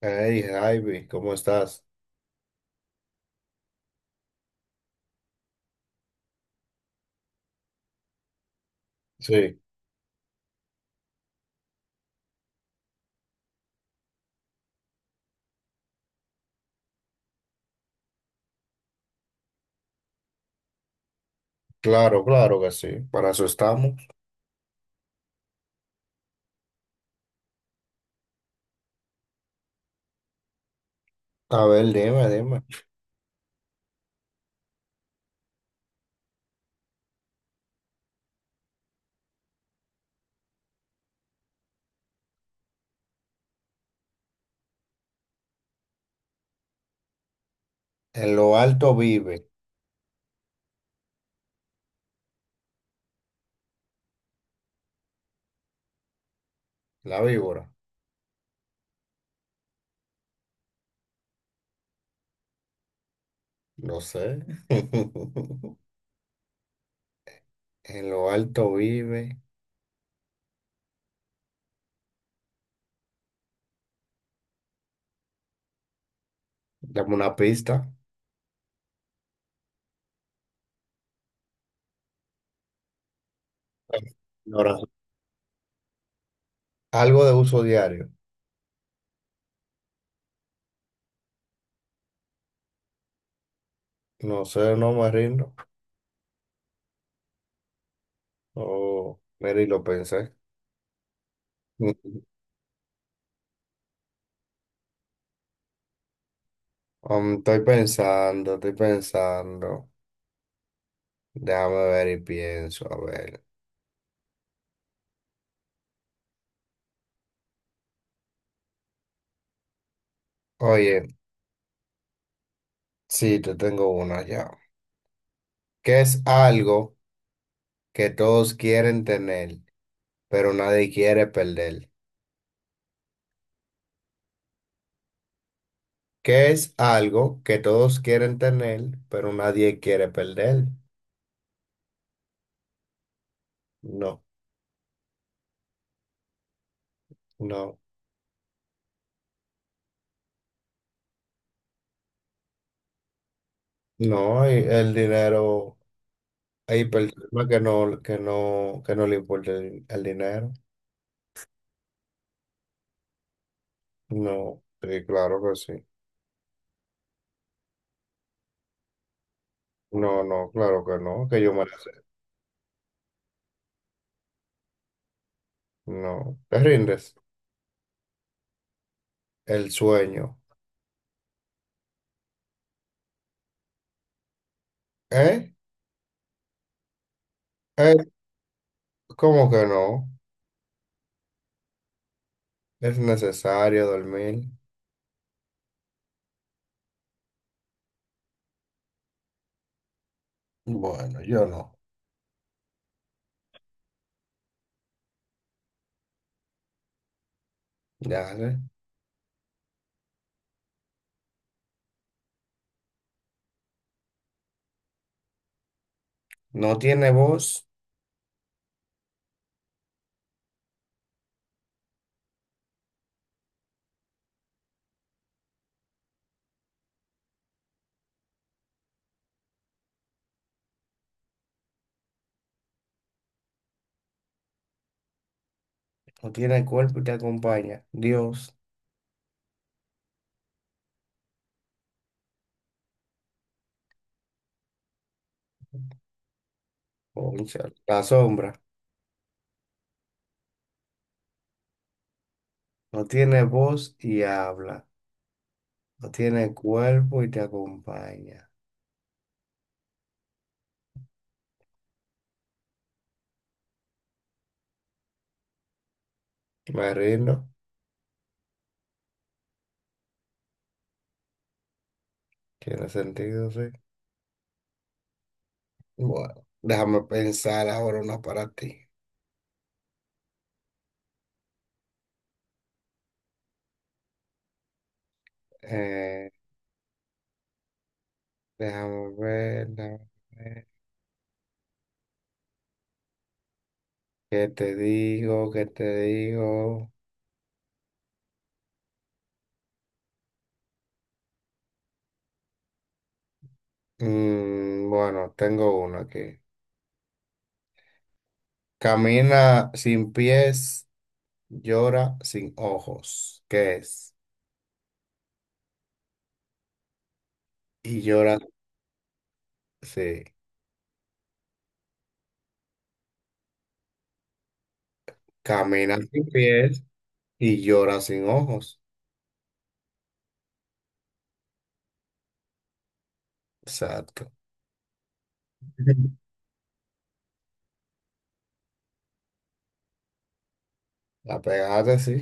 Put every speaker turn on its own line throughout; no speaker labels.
Hey, Javi, ¿cómo estás? Sí, claro, claro que sí. Para eso estamos. A ver, dime. En lo alto vive la víbora. No sé. En lo alto vive. Dame una pista. Ahora, algo de uso diario. No sé, no me rindo. Oh, mira, y lo pensé. Estoy pensando, estoy pensando. Déjame ver y pienso, a ver. Oye, sí, te tengo una ya. ¿Qué es algo que todos quieren tener, pero nadie quiere perder? ¿Qué es algo que todos quieren tener, pero nadie quiere perder? No, no, no, hay el dinero, hay personas que no, que no le importa el dinero. No, sí, claro que sí. No, no, claro que no, que yo me la sé. No, te rindes. El sueño. ¿Eh? ¿Eh? ¿Cómo que no? Es necesario dormir. Bueno, yo no. Dale. No tiene voz, no tiene cuerpo y te acompaña. Dios, cónchale. La sombra. No tiene voz y habla. No tiene cuerpo y te acompaña. Me rindo. Tiene sentido, sí. Bueno, déjame pensar ahora una para ti. Eh, déjame ver. ¿Qué te digo? ¿Qué te digo? Mm, bueno, tengo una aquí. Camina sin pies, llora sin ojos, ¿qué es? Y llora, sí. Camina sin pies y llora sin ojos. Exacto. Ujú. La pegaste, sí.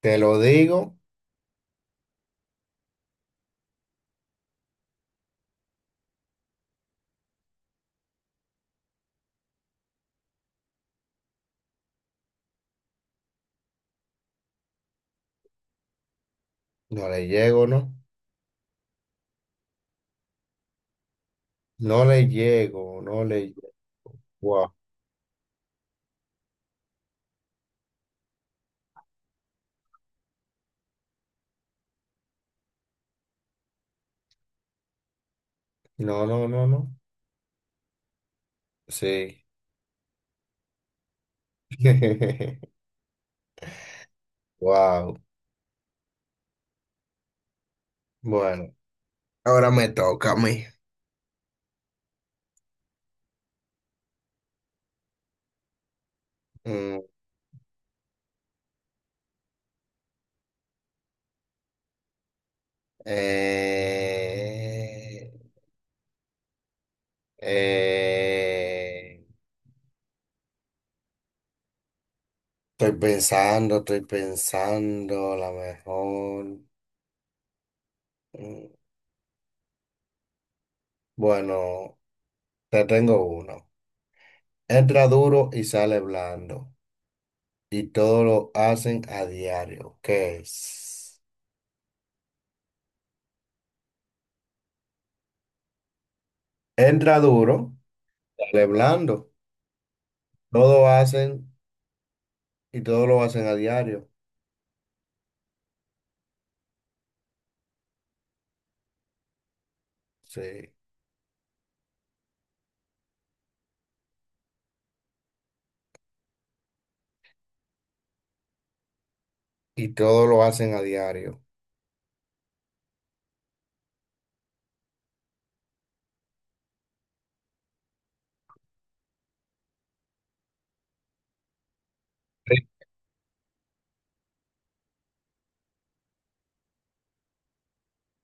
Te lo digo, no le llego, ¿no? No le llego. Wow. No, no, no, no. Sí. Wow. Bueno, ahora me toca a mí. Mm, eh, eh, estoy pensando, a lo mejor. mm, Bueno, te tengo uno. Entra duro y sale blando. Y todo lo hacen a diario. ¿Qué es? Entra duro, sale blando. Todo hacen y todo lo hacen a diario. Sí. Y todo lo hacen a diario. Sí.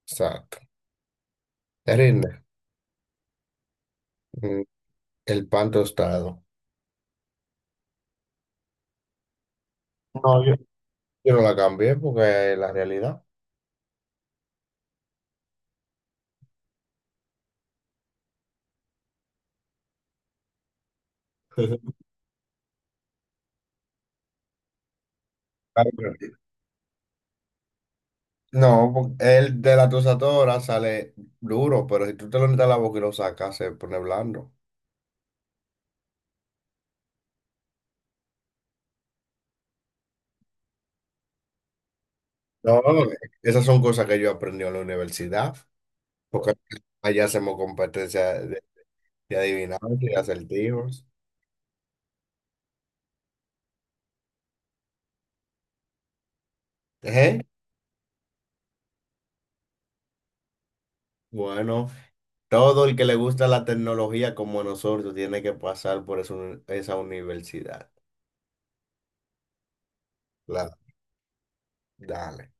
Exacto. Te rinde. Mm, El pan tostado. No, yo no la cambié porque es la realidad. Claro. No, po- el de la tusatora sale duro, pero si tú te lo metes a la boca y lo sacas, se pone blando. No, esas son cosas que yo aprendí en la universidad, porque allá hacemos competencia de adivinanzas y acertijos. Ejé. Bueno, todo el que le gusta la tecnología como nosotros tiene que pasar por esa esa universidad. La, dale.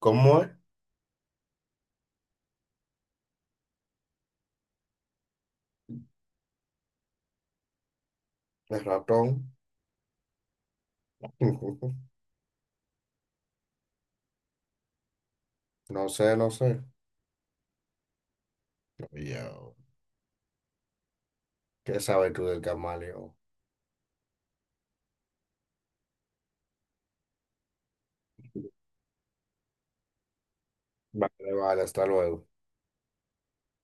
¿Cómo es? El ratón. No sé, no sé. Yo, ¿qué sabes tú del camaleón? Vale, vale, hasta luego.